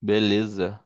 Beleza.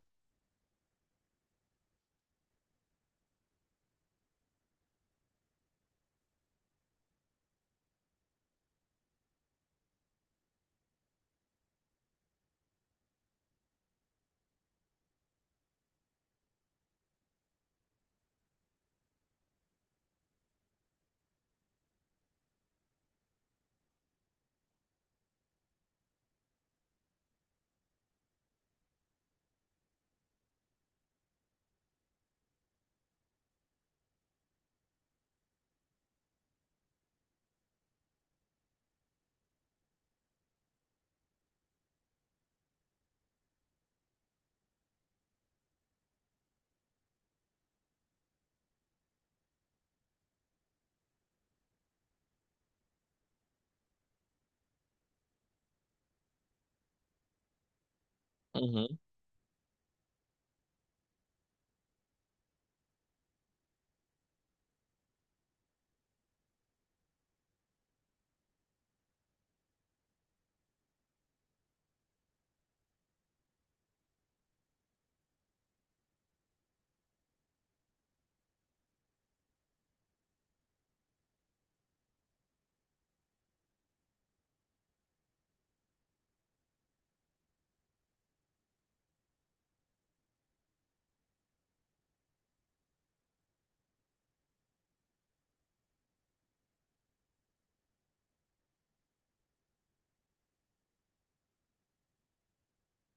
Uhum.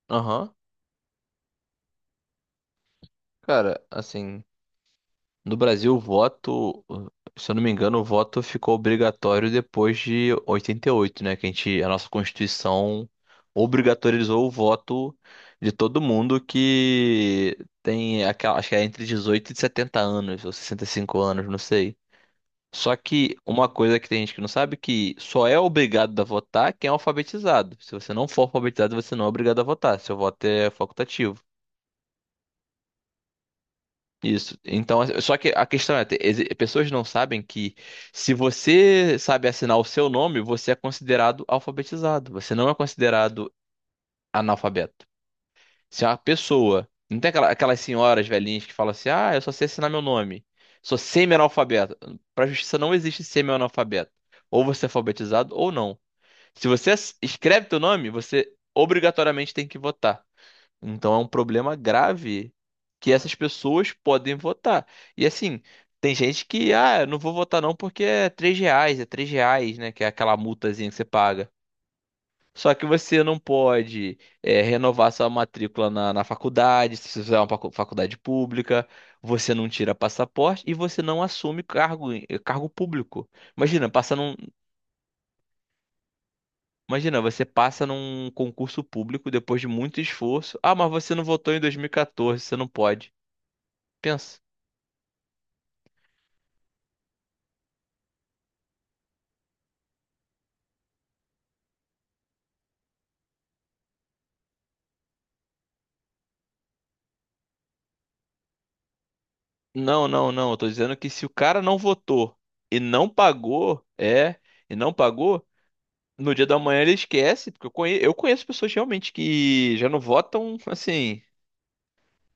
Aham. Cara, assim, no Brasil o voto, se eu não me engano, o voto ficou obrigatório depois de 88, né? Que a nossa Constituição obrigatorizou o voto de todo mundo que tem, acho que é entre 18 e 70 anos, ou 65 anos, não sei. Só que uma coisa que tem gente que não sabe é que só é obrigado a votar quem é alfabetizado. Se você não for alfabetizado, você não é obrigado a votar. Seu voto é facultativo. Isso. Então, assim, só que a questão é, pessoas não sabem que se você sabe assinar o seu nome, você é considerado alfabetizado. Você não é considerado analfabeto. Se uma pessoa, não tem aquelas senhoras velhinhas que falam assim: "Ah, eu só sei assinar meu nome. Sou semi-analfabeto". Para a justiça não existe semi-analfabeto. Ou você é alfabetizado ou não. Se você escreve teu nome, você obrigatoriamente tem que votar. Então é um problema grave que essas pessoas podem votar. E assim, tem gente que, ah, eu não vou votar não porque é 3 reais, é 3 reais, né? Que é aquela multazinha que você paga. Só que você não pode renovar sua matrícula na faculdade, se você fizer uma faculdade pública, você não tira passaporte e você não assume cargo, cargo público. Imagina, imagina, você passa num concurso público depois de muito esforço. Ah, mas você não votou em 2014, você não pode. Pensa. Não, não, não. Eu tô dizendo que se o cara não votou e não pagou, e não pagou, no dia da manhã ele esquece, porque eu conheço pessoas realmente que já não votam, assim,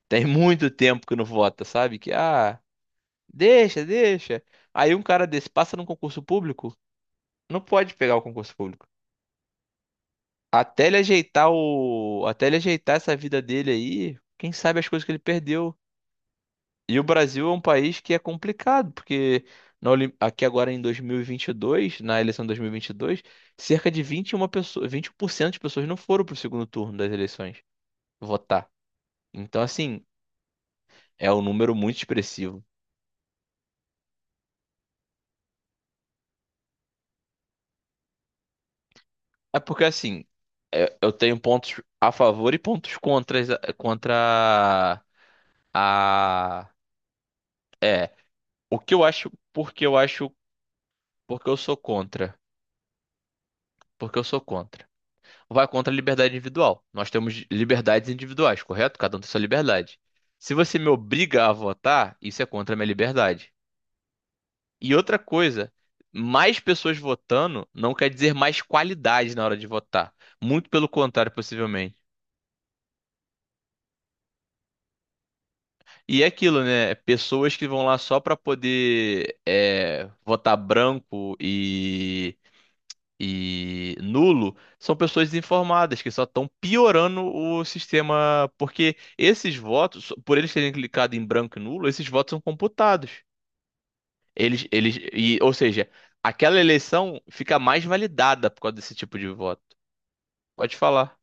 tem muito tempo que não vota, sabe? Que, ah, deixa, deixa. Aí um cara desse passa num concurso público, não pode pegar o concurso público. Até ele ajeitar até ele ajeitar essa vida dele aí, quem sabe as coisas que ele perdeu. E o Brasil é um país que é complicado, porque na aqui agora em 2022, na eleição de 2022, cerca de 21% de pessoas não foram para o segundo turno das eleições votar. Então, assim, é um número muito expressivo. É porque, assim, eu tenho pontos a favor e pontos contras, contra a... É, o que eu acho, porque eu acho, porque eu sou contra. Porque eu sou contra. Vai contra a liberdade individual. Nós temos liberdades individuais, correto? Cada um tem sua liberdade. Se você me obriga a votar, isso é contra a minha liberdade. E outra coisa, mais pessoas votando não quer dizer mais qualidade na hora de votar. Muito pelo contrário, possivelmente. E é aquilo, né? Pessoas que vão lá só para poder votar branco e nulo são pessoas desinformadas que só estão piorando o sistema, porque esses votos, por eles terem clicado em branco e nulo, esses votos são computados. Ou seja, aquela eleição fica mais validada por causa desse tipo de voto. Pode falar.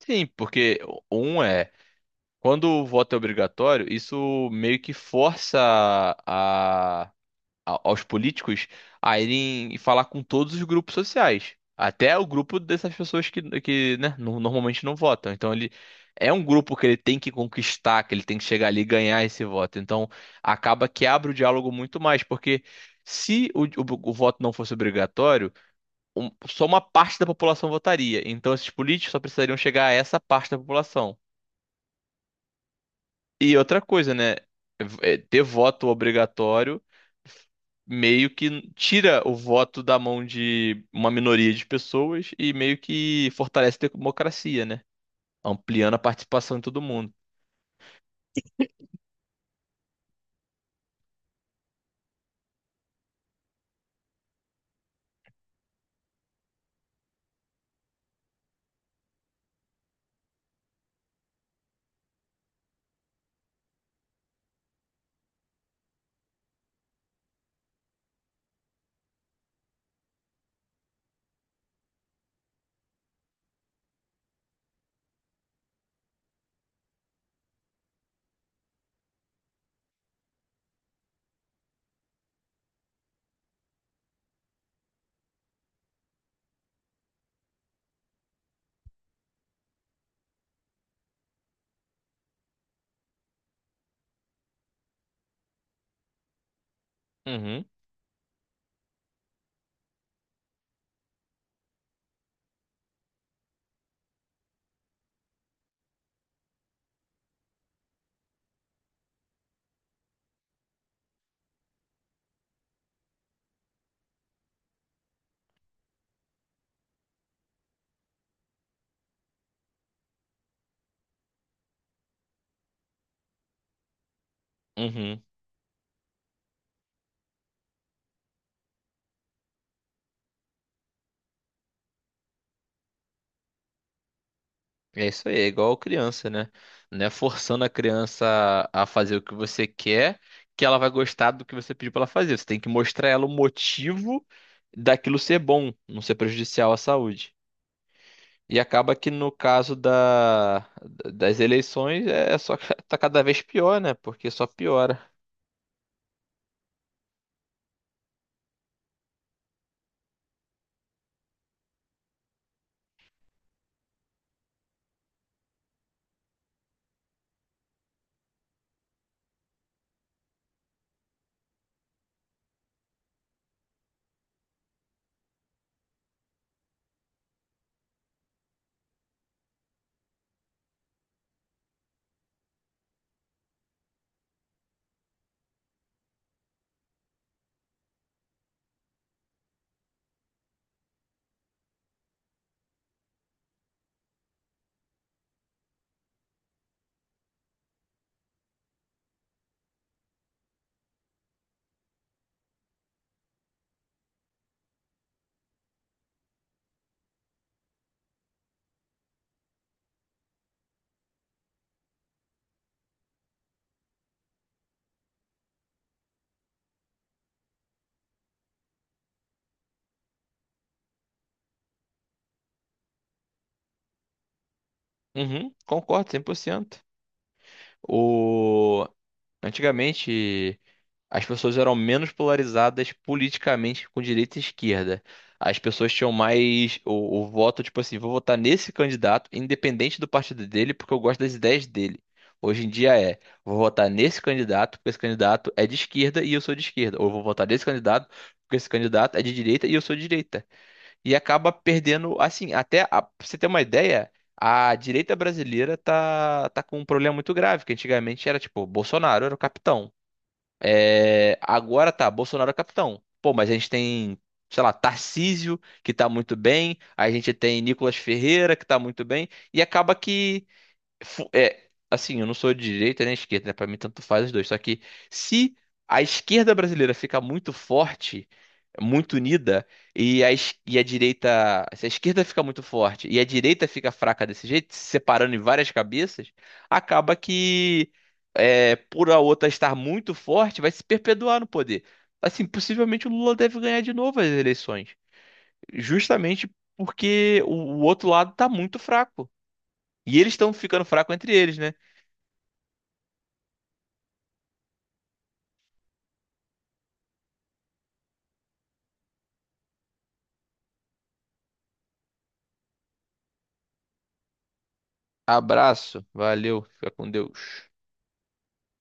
Sim, porque um é, quando o voto é obrigatório, isso meio que força a aos políticos a irem falar com todos os grupos sociais, até o grupo dessas pessoas que né, normalmente não votam. Então ele é um grupo que ele tem que conquistar, que ele tem que chegar ali e ganhar esse voto. Então acaba que abre o diálogo muito mais, porque se o voto não fosse obrigatório, só uma parte da população votaria. Então esses políticos só precisariam chegar a essa parte da população. E outra coisa, né? É, ter voto obrigatório meio que tira o voto da mão de uma minoria de pessoas e meio que fortalece a democracia, né? Ampliando a participação de todo mundo. Uhum, uhum. É isso aí, é igual criança, né? Não é forçando a criança a fazer o que você quer que ela vai gostar do que você pediu para ela fazer. Você tem que mostrar a ela o motivo daquilo ser bom, não ser prejudicial à saúde. E acaba que no caso das eleições é só tá cada vez pior, né? Porque só piora. Uhum, concordo 100%. O antigamente as pessoas eram menos polarizadas politicamente com direita e esquerda. As pessoas tinham mais o voto, tipo assim, vou votar nesse candidato, independente do partido dele, porque eu gosto das ideias dele. Hoje em dia vou votar nesse candidato, porque esse candidato é de esquerda e eu sou de esquerda. Ou vou votar nesse candidato, porque esse candidato é de direita e eu sou de direita. E acaba perdendo, assim, pra você ter uma ideia, a direita brasileira tá com um problema muito grave, que antigamente era tipo, Bolsonaro era o capitão. É, agora tá, Bolsonaro é capitão. Pô, mas a gente tem, sei lá, Tarcísio, que tá muito bem, a gente tem Nicolas Ferreira, que tá muito bem, e acaba que é, assim, eu não sou de direita nem esquerda, né? Pra mim tanto faz os dois. Só que se a esquerda brasileira ficar muito forte, muito unida, e e a direita. Se a esquerda fica muito forte e a direita fica fraca desse jeito, se separando em várias cabeças, acaba que por a outra estar muito forte, vai se perpetuar no poder. Assim, possivelmente o Lula deve ganhar de novo as eleições. Justamente porque o outro lado tá muito fraco. E eles estão ficando fracos entre eles, né? Abraço, valeu, fica com Deus.